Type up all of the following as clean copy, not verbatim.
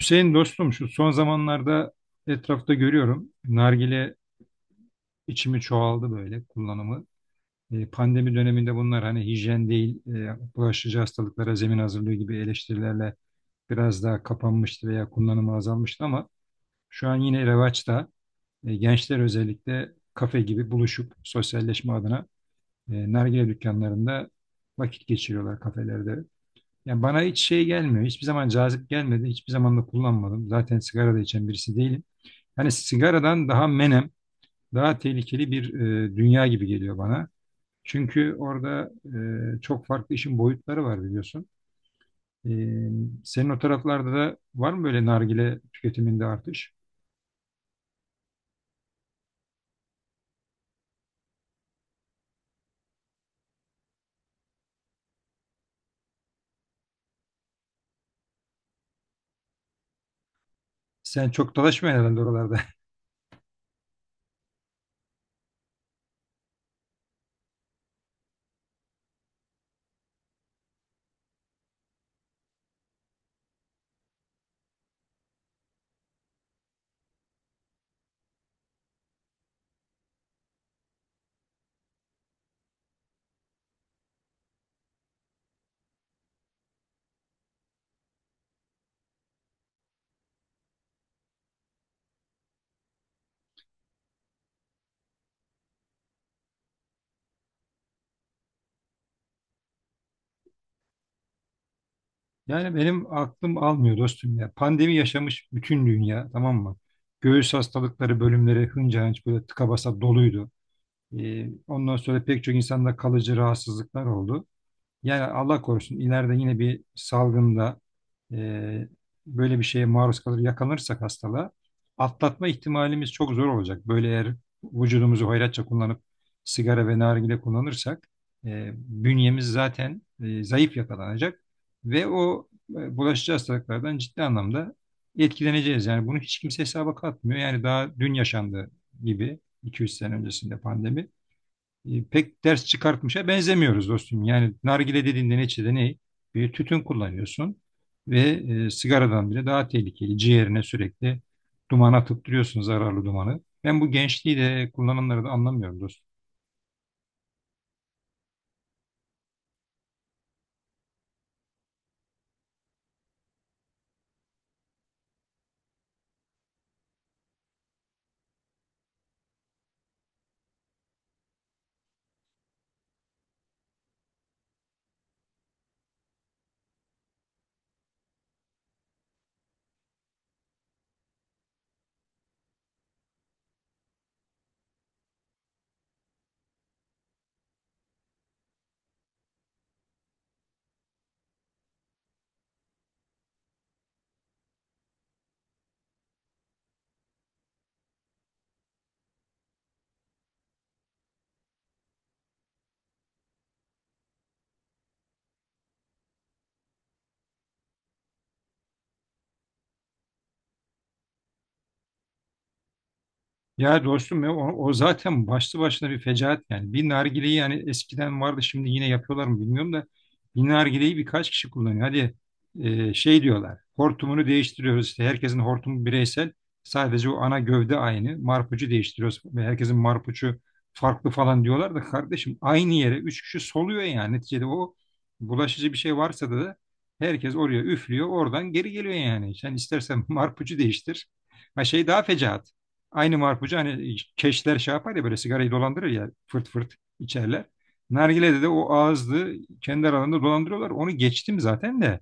Hüseyin dostum şu son zamanlarda etrafta görüyorum. Nargile içimi çoğaldı böyle kullanımı. Pandemi döneminde bunlar hani hijyen değil, bulaşıcı hastalıklara zemin hazırlığı gibi eleştirilerle biraz daha kapanmıştı veya kullanımı azalmıştı ama şu an yine revaçta. Gençler özellikle kafe gibi buluşup sosyalleşme adına nargile dükkanlarında vakit geçiriyorlar kafelerde. Yani bana hiç şey gelmiyor. Hiçbir zaman cazip gelmedi. Hiçbir zaman da kullanmadım. Zaten sigara da içen birisi değilim. Hani sigaradan daha menem, daha tehlikeli bir dünya gibi geliyor bana. Çünkü orada çok farklı işin boyutları var biliyorsun. E, Senin o taraflarda da var mı böyle nargile tüketiminde artış? Sen çok dolaşmıyorsun herhalde oralarda. Yani benim aklım almıyor dostum ya. Pandemi yaşamış bütün dünya, tamam mı? Göğüs hastalıkları bölümleri hınca hınç böyle tıka basa doluydu. Ondan sonra pek çok insanda kalıcı rahatsızlıklar oldu. Yani Allah korusun ileride yine bir salgında e, böyle bir şeye maruz kalır, yakalanırsak hastalığa atlatma ihtimalimiz çok zor olacak. Böyle eğer vücudumuzu hoyratça kullanıp sigara ve nargile kullanırsak bünyemiz zaten zayıf yakalanacak ve o bulaşıcı hastalıklardan ciddi anlamda etkileneceğiz. Yani bunu hiç kimse hesaba katmıyor. Yani daha dün yaşandı gibi iki üç sene öncesinde pandemi, pek ders çıkartmışa benzemiyoruz dostum. Yani nargile dediğinde neticede ne? Bir tütün kullanıyorsun ve sigaradan bile daha tehlikeli. Ciğerine sürekli duman atıp duruyorsun, zararlı dumanı. Ben bu gençliği de kullananları da anlamıyorum dostum. Ya dostum ya, o zaten başlı başına bir fecaat yani. Bir nargileyi, yani eskiden vardı şimdi yine yapıyorlar mı bilmiyorum da, bir nargileyi birkaç kişi kullanıyor. Hadi şey diyorlar, hortumunu değiştiriyoruz işte, herkesin hortumu bireysel, sadece o ana gövde aynı, marpucu değiştiriyoruz ve herkesin marpucu farklı falan diyorlar da, kardeşim aynı yere üç kişi soluyor yani. Neticede o, bulaşıcı bir şey varsa da herkes oraya üflüyor, oradan geri geliyor yani. Sen istersen marpucu değiştir. Ha şey daha fecaat. Aynı marpucu hani keşler şey yapar ya, böyle sigarayı dolandırır ya, fırt fırt içerler. Nargile'de de o ağızlı kendi aralarında dolandırıyorlar. Onu geçtim zaten de.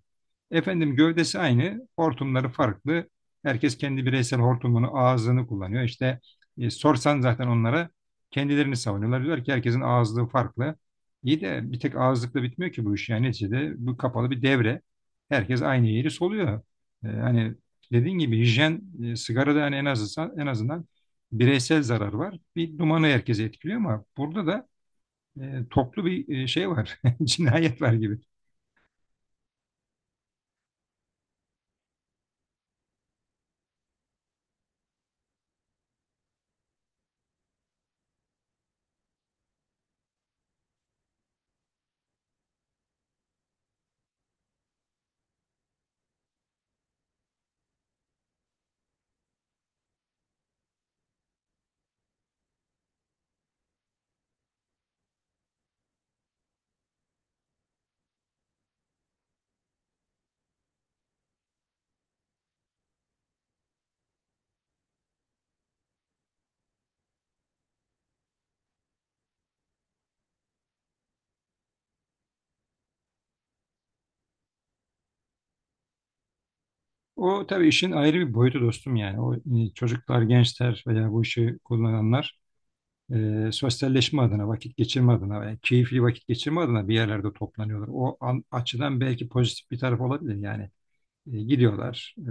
Efendim, gövdesi aynı, hortumları farklı. Herkes kendi bireysel hortumunu, ağzını kullanıyor. İşte sorsan zaten onlara, kendilerini savunuyorlar. Diyorlar ki herkesin ağızlığı farklı. İyi de bir tek ağızlıkla bitmiyor ki bu iş. Yani neticede bu kapalı bir devre. Herkes aynı yeri soluyor. Hani dediğin gibi hijyen, sigarada hani en azından, en azından bireysel zarar var. Bir dumanı herkesi etkiliyor, ama burada da toplu bir şey var. Cinayet var gibi. O tabii işin ayrı bir boyutu dostum yani. O çocuklar, gençler veya bu işi kullananlar sosyalleşme adına, vakit geçirme adına veya keyifli vakit geçirme adına bir yerlerde toplanıyorlar. O an- açıdan belki pozitif bir taraf olabilir yani. Gidiyorlar,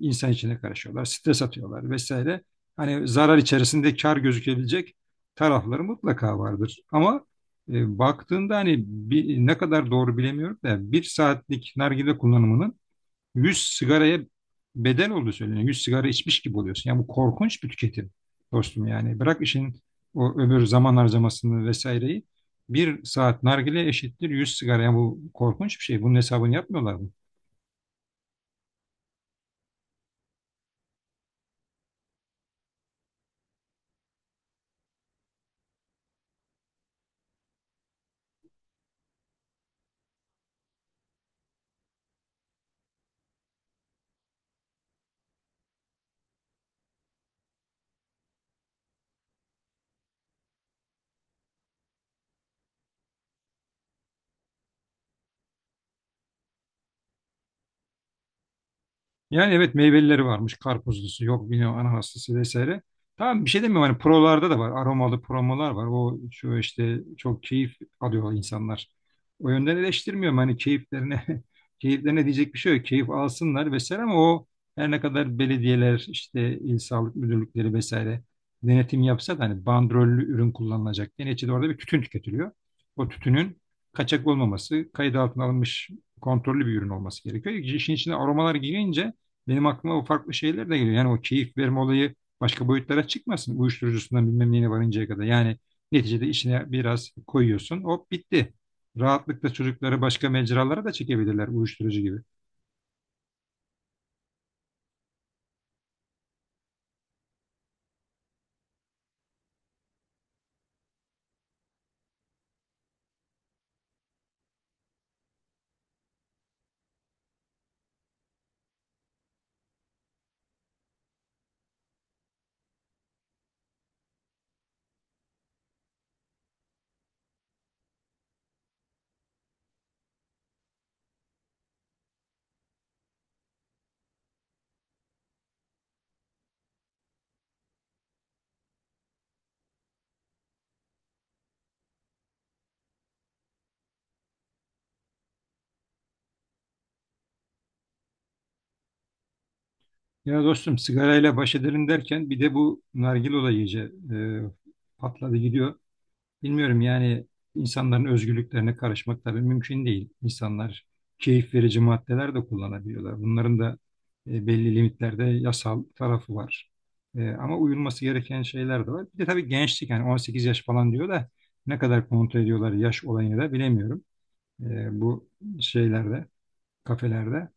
insan içine karışıyorlar, stres atıyorlar vesaire. Hani zarar içerisinde kar gözükebilecek tarafları mutlaka vardır. Ama baktığında hani bir, ne kadar doğru bilemiyorum da, bir saatlik nargile kullanımının 100 sigaraya bedel olduğu söyleniyor. 100 sigara içmiş gibi oluyorsun. Yani bu korkunç bir tüketim dostum yani. Bırak işin o öbür zaman harcamasını vesaireyi. Bir saat nargile eşittir 100 sigara. Yani bu korkunç bir şey. Bunun hesabını yapmıyorlar mı? Yani evet, meyvelileri varmış. Karpuzlusu yok bilmiyorum, ananaslısı vesaire. Tamam, bir şey demiyorum. Hani prolarda da var. Aromalı promolar var. O şu işte, çok keyif alıyor insanlar. O yönden eleştirmiyorum. Hani keyiflerine keyiflerine diyecek bir şey yok. Keyif alsınlar vesaire, ama o her ne kadar belediyeler işte il sağlık müdürlükleri vesaire denetim yapsa da hani bandrollü ürün kullanılacak. Yani neticede orada bir tütün tüketiliyor. O tütünün kaçak olmaması, kayıt altına alınmış kontrollü bir ürün olması gerekiyor. İşin içine aromalar girince benim aklıma o farklı şeyler de geliyor. Yani o keyif verme olayı başka boyutlara çıkmasın. Uyuşturucusundan bilmem neyine varıncaya kadar. Yani neticede işine biraz koyuyorsun, hop bitti. Rahatlıkla çocukları başka mecralara da çekebilirler, uyuşturucu gibi. Ya dostum, sigarayla baş edelim derken bir de bu nargile olayı iyice patladı gidiyor. Bilmiyorum yani, insanların özgürlüklerine karışmak tabii mümkün değil. İnsanlar keyif verici maddeler de kullanabiliyorlar. Bunların da belli limitlerde yasal tarafı var. Ama uyulması gereken şeyler de var. Bir de tabii gençlik, yani 18 yaş falan diyor da ne kadar kontrol ediyorlar yaş olayını da bilemiyorum. Bu şeylerde, kafelerde.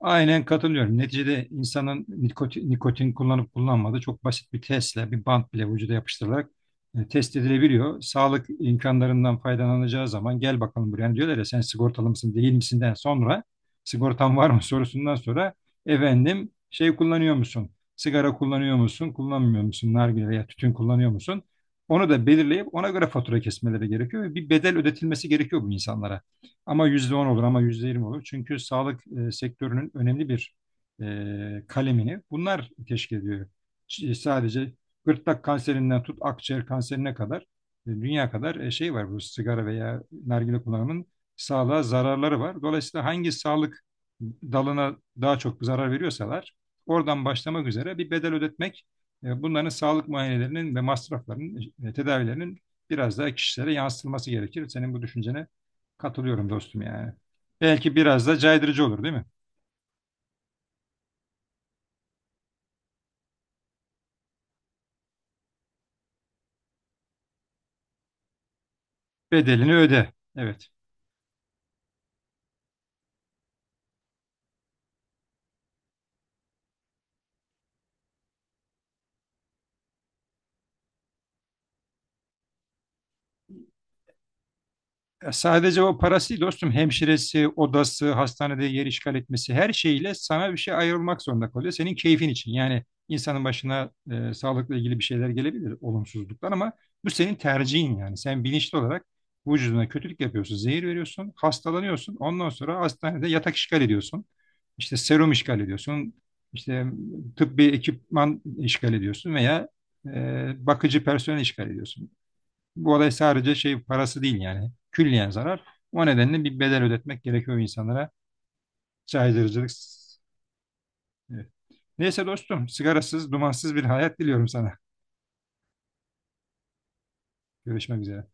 Aynen katılıyorum. Neticede insanın nikotin kullanıp kullanmadığı çok basit bir testle, bir bant bile vücuda yapıştırılarak test edilebiliyor. Sağlık imkanlarından faydalanacağı zaman gel bakalım buraya. Yani diyorlar ya, sen sigortalı mısın değil misinden sonra sigortan var mı sorusundan sonra efendim, şey kullanıyor musun? Sigara kullanıyor musun? Kullanmıyor musun? Nargile veya tütün kullanıyor musun? Onu da belirleyip ona göre fatura kesmeleri gerekiyor ve bir bedel ödetilmesi gerekiyor bu insanlara. Ama %10 olur, ama %20 olur. Çünkü sağlık sektörünün önemli bir kalemini bunlar teşkil ediyor. Sadece gırtlak kanserinden tut akciğer kanserine kadar dünya kadar şey var, bu sigara veya nargile kullanımının sağlığa zararları var. Dolayısıyla hangi sağlık dalına daha çok zarar veriyorsalar oradan başlamak üzere bir bedel ödetmek, bunların sağlık muayenelerinin ve masraflarının, tedavilerinin biraz daha kişilere yansıtılması gerekir. Senin bu düşüncene katılıyorum dostum yani. Belki biraz da caydırıcı olur değil mi? Bedelini öde. Evet. Ya sadece o parası değil dostum, hemşiresi, odası, hastanede yer işgal etmesi, her şeyle sana bir şey ayrılmak zorunda kalıyor. Senin keyfin için. Yani insanın başına sağlıkla ilgili bir şeyler gelebilir, olumsuzluklar, ama bu senin tercihin yani. Sen bilinçli olarak vücuduna kötülük yapıyorsun, zehir veriyorsun, hastalanıyorsun. Ondan sonra hastanede yatak işgal ediyorsun. İşte serum işgal ediyorsun. İşte tıbbi ekipman işgal ediyorsun veya bakıcı personel işgal ediyorsun. Bu olay sadece şey parası değil yani. Külliyen zarar. O nedenle bir bedel ödetmek gerekiyor insanlara. Caydırıcılık. Evet. Neyse dostum, sigarasız, dumansız bir hayat diliyorum sana. Görüşmek üzere.